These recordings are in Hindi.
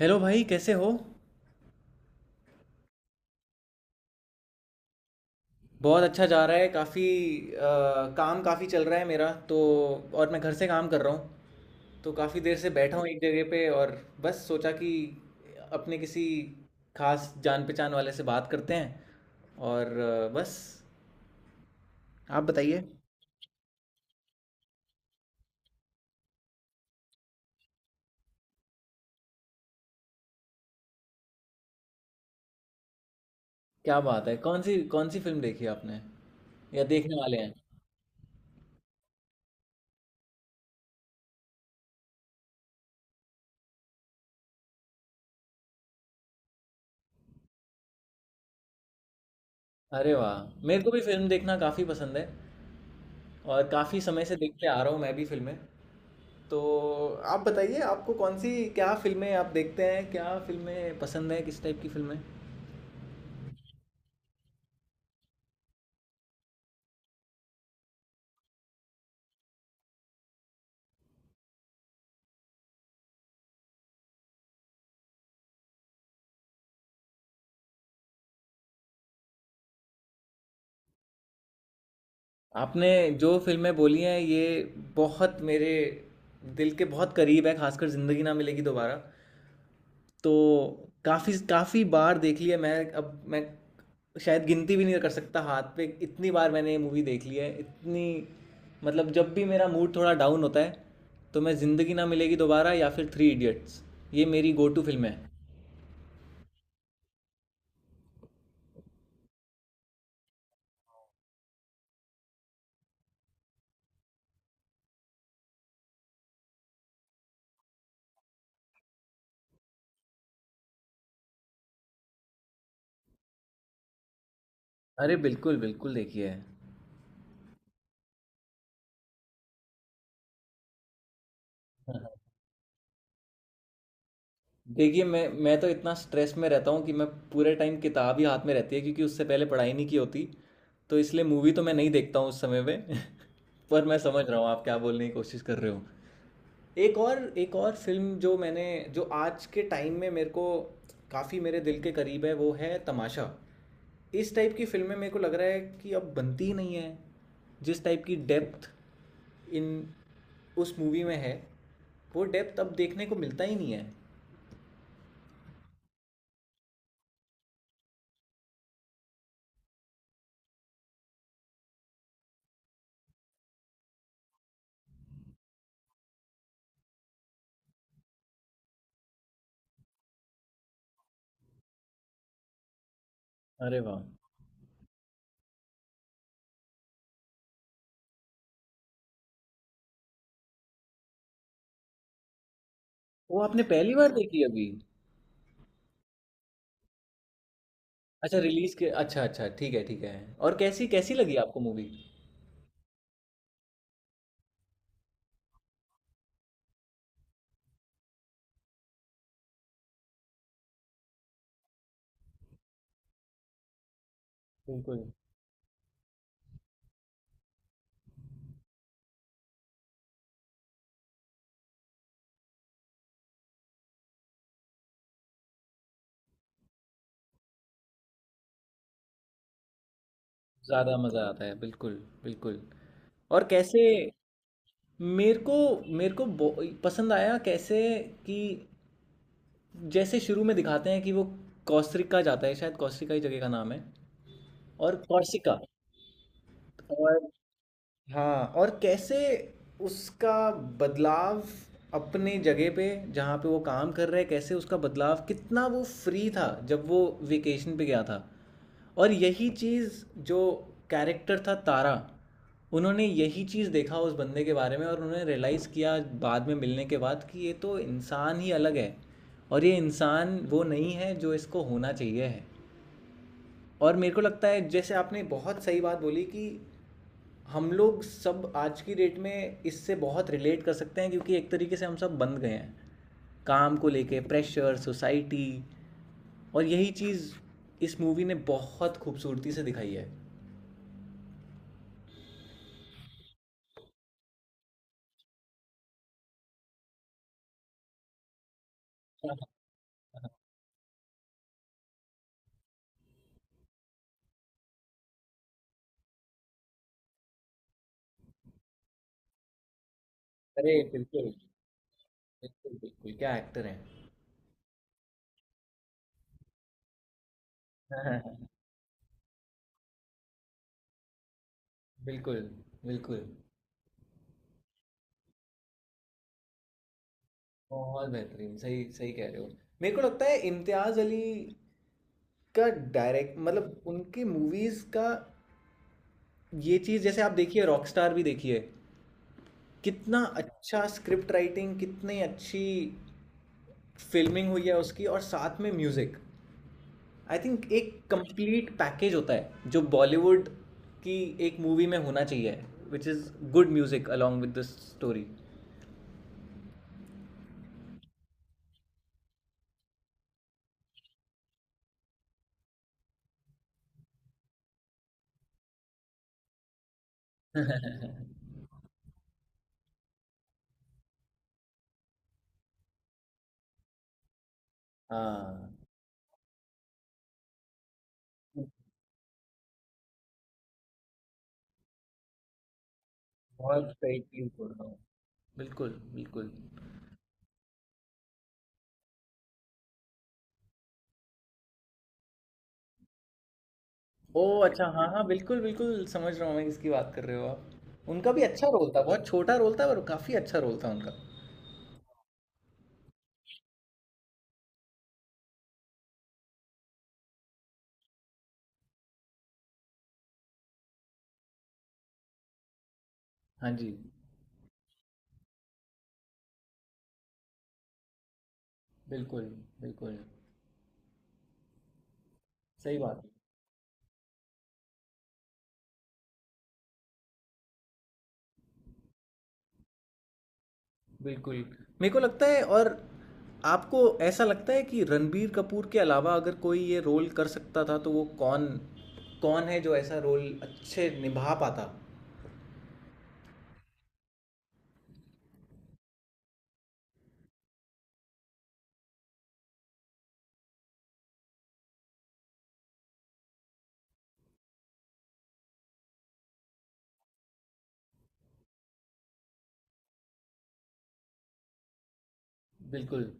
हेलो भाई कैसे हो। बहुत अच्छा जा रहा है। काफ़ी काम काफ़ी चल रहा है मेरा तो। और मैं घर से काम कर रहा हूँ तो काफ़ी देर से बैठा हूँ एक जगह पे। और बस सोचा कि अपने किसी खास जान पहचान वाले से बात करते हैं। और बस आप बताइए। क्या बात है, कौन सी फिल्म देखी आपने या देखने वाले हैं। अरे वाह, मेरे को भी फिल्म देखना काफ़ी पसंद है और काफ़ी समय से देखते आ रहा हूँ मैं भी फिल्में। तो आप बताइए, आपको कौन सी, क्या फिल्में आप देखते हैं, क्या फिल्में पसंद हैं, किस टाइप की फिल्में। आपने जो फिल्में बोली हैं ये बहुत मेरे दिल के बहुत करीब है, खासकर ज़िंदगी ना मिलेगी दोबारा। तो काफ़ी काफ़ी बार देख ली है। मैं शायद गिनती भी नहीं कर सकता हाथ पे इतनी बार मैंने ये मूवी देख ली है। इतनी मतलब जब भी मेरा मूड थोड़ा डाउन होता है तो मैं ज़िंदगी ना मिलेगी दोबारा या फिर थ्री इडियट्स, ये मेरी गो टू फिल्में हैं। अरे बिल्कुल बिल्कुल। देखिए देखिए मैं तो इतना स्ट्रेस में रहता हूँ कि मैं पूरे टाइम किताब ही हाथ में रहती है, क्योंकि उससे पहले पढ़ाई नहीं की होती। तो इसलिए मूवी तो मैं नहीं देखता हूँ उस समय पे पर मैं समझ रहा हूँ आप क्या बोलने की कोशिश कर रहे हो। एक और फिल्म जो मैंने, जो आज के टाइम में मेरे को काफ़ी मेरे दिल के करीब है, वो है तमाशा। इस टाइप की फिल्में मेरे को लग रहा है कि अब बनती ही नहीं है। जिस टाइप की डेप्थ इन उस मूवी में है, वो डेप्थ अब देखने को मिलता ही नहीं है। अरे वाह। वो आपने पहली बार देखी अभी? अच्छा, रिलीज के, अच्छा अच्छा, ठीक है ठीक है। और कैसी कैसी लगी आपको मूवी? बिल्कुल ज़्यादा मज़ा आता है, बिल्कुल बिल्कुल। और कैसे, मेरे को मेरे को बो पसंद आया? कैसे कि जैसे शुरू में दिखाते हैं कि वो कोस्टा रिका जाता है, शायद कोस्टा रिका ही जगह का नाम है। और कोर्सिका। और हाँ, और कैसे उसका बदलाव अपने जगह पे जहाँ पे वो काम कर रहा है, कैसे उसका बदलाव, कितना वो फ्री था जब वो वेकेशन पे गया था। और यही चीज़ जो कैरेक्टर था तारा, उन्होंने यही चीज़ देखा उस बंदे के बारे में और उन्होंने रियलाइज़ किया बाद में मिलने के बाद कि ये तो इंसान ही अलग है, और ये इंसान वो नहीं है जो इसको होना चाहिए है। और मेरे को लगता है, जैसे आपने बहुत सही बात बोली, कि हम लोग सब आज की डेट में इससे बहुत रिलेट कर सकते हैं, क्योंकि एक तरीके से हम सब बंद गए हैं काम को लेके प्रेशर सोसाइटी। और यही चीज़ इस मूवी ने बहुत खूबसूरती से दिखाई है। अरे बिल्कुल बिल्कुल, बिल्कुल क्या एक्टर हैं। हाँ, बिल्कुल बिल्कुल। बहुत बेहतरीन, सही सही कह रहे हो। मेरे को लगता है इम्तियाज अली का डायरेक्ट मतलब उनकी मूवीज का ये चीज़, जैसे आप देखिए, रॉकस्टार भी देखिए, कितना अच्छा स्क्रिप्ट राइटिंग, कितनी अच्छी फ़िल्मिंग हुई है उसकी और साथ में म्यूज़िक। आई थिंक एक कंप्लीट पैकेज होता है, जो बॉलीवुड की एक मूवी में होना चाहिए, which is good music along with the story. हाँ, बहुत सही चीज़ बोल रहा हूँ। बिल्कुल, बिल्कुल। ओह! अच्छा, हाँ, हाँ, बिल्कुल, बिल्कुल समझ रहा हूँ मैं किसकी बात कर रहे हो आप। उनका भी अच्छा रोल था, बहुत छोटा रोल था पर काफ़ी अच्छा रोल था उनका। हाँ जी, बिल्कुल, बिल्कुल, सही बात है, बिल्कुल। मेरे को लगता है, और आपको ऐसा लगता है कि रणबीर कपूर के अलावा अगर कोई ये रोल कर सकता था तो वो कौन कौन है जो ऐसा रोल अच्छे निभा पाता? बिल्कुल,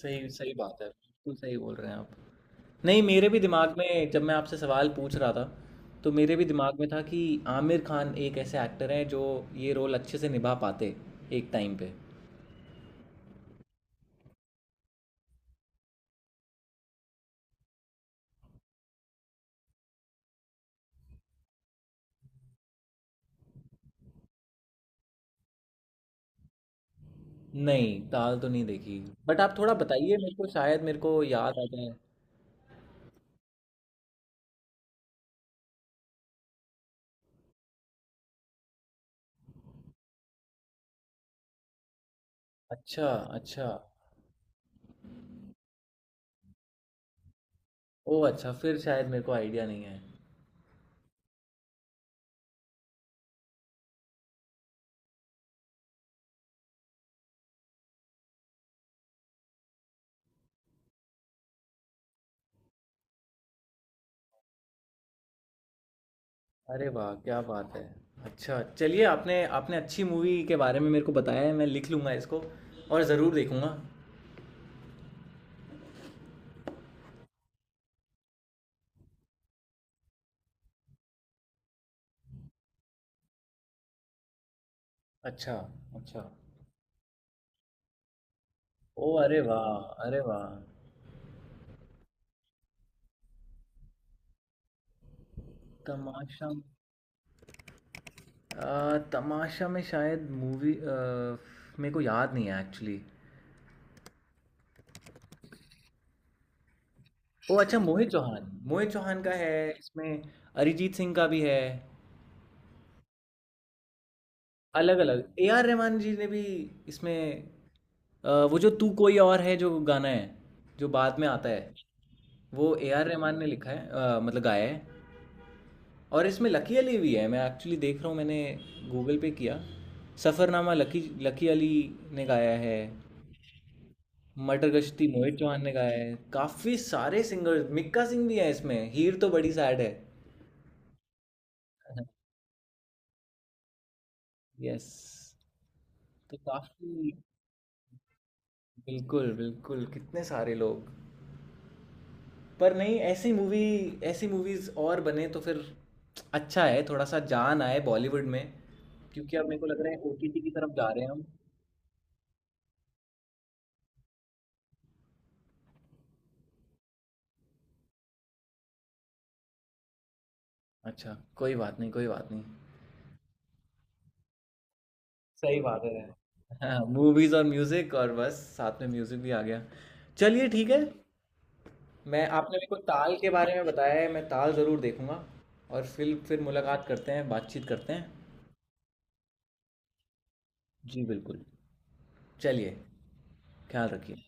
सही सही बात है, बिल्कुल सही बोल रहे हैं आप। नहीं, मेरे भी दिमाग में जब मैं आपसे सवाल पूछ रहा था, तो मेरे भी दिमाग में था कि आमिर खान एक ऐसे एक्टर हैं जो ये रोल अच्छे से निभा पाते एक टाइम पे। नहीं, ताल तो नहीं देखी। बट आप थोड़ा बताइए, मेरे को शायद मेरे को याद आ जाए। अच्छा अच्छा। ओ अच्छा, फिर शायद मेरे को आइडिया नहीं है। अरे वाह, क्या बात है। अच्छा चलिए, आपने आपने अच्छी मूवी के बारे में मेरे को बताया है, मैं लिख लूँगा इसको और ज़रूर देखूँगा। अच्छा अच्छा। ओ अरे वाह, अरे वाह। तमाशा, तमाशा में शायद मूवी, मेरे को याद नहीं है एक्चुअली। ओ अच्छा, मोहित चौहान, मोहित चौहान का है इसमें, अरिजीत सिंह का भी है। अलग अलग, ए आर रहमान जी ने भी इसमें, वो जो तू कोई और है जो गाना है, जो बाद में आता है, वो ए आर रहमान ने लिखा है, मतलब गाया है। और इसमें लकी अली भी है, मैं एक्चुअली देख रहा हूँ, मैंने गूगल पे किया। सफ़रनामा लकी लकी अली ने गाया है। मटर गश्ती मोहित चौहान ने गाया है, काफ़ी सारे सिंगर्स, मिक्का सिंह भी है इसमें। हीर तो बड़ी सैड है। यस, तो काफ़ी, बिल्कुल बिल्कुल, कितने सारे लोग। पर नहीं, ऐसी मूवी, ऐसी मूवीज और बने तो फिर अच्छा है, थोड़ा सा जान आए बॉलीवुड में। क्योंकि अब मेरे को लग रहा है ओटीटी की तरफ जा रहे हैं हम। अच्छा कोई बात नहीं, कोई बात नहीं। सही बात है। हाँ, मूवीज और म्यूजिक, और बस साथ में म्यूजिक भी आ गया। चलिए ठीक है। मैं, आपने मेरे को ताल के बारे में बताया है, मैं ताल ज़रूर देखूंगा। और फिर मुलाकात करते हैं, बातचीत करते हैं। जी बिल्कुल। चलिए, ख्याल रखिए।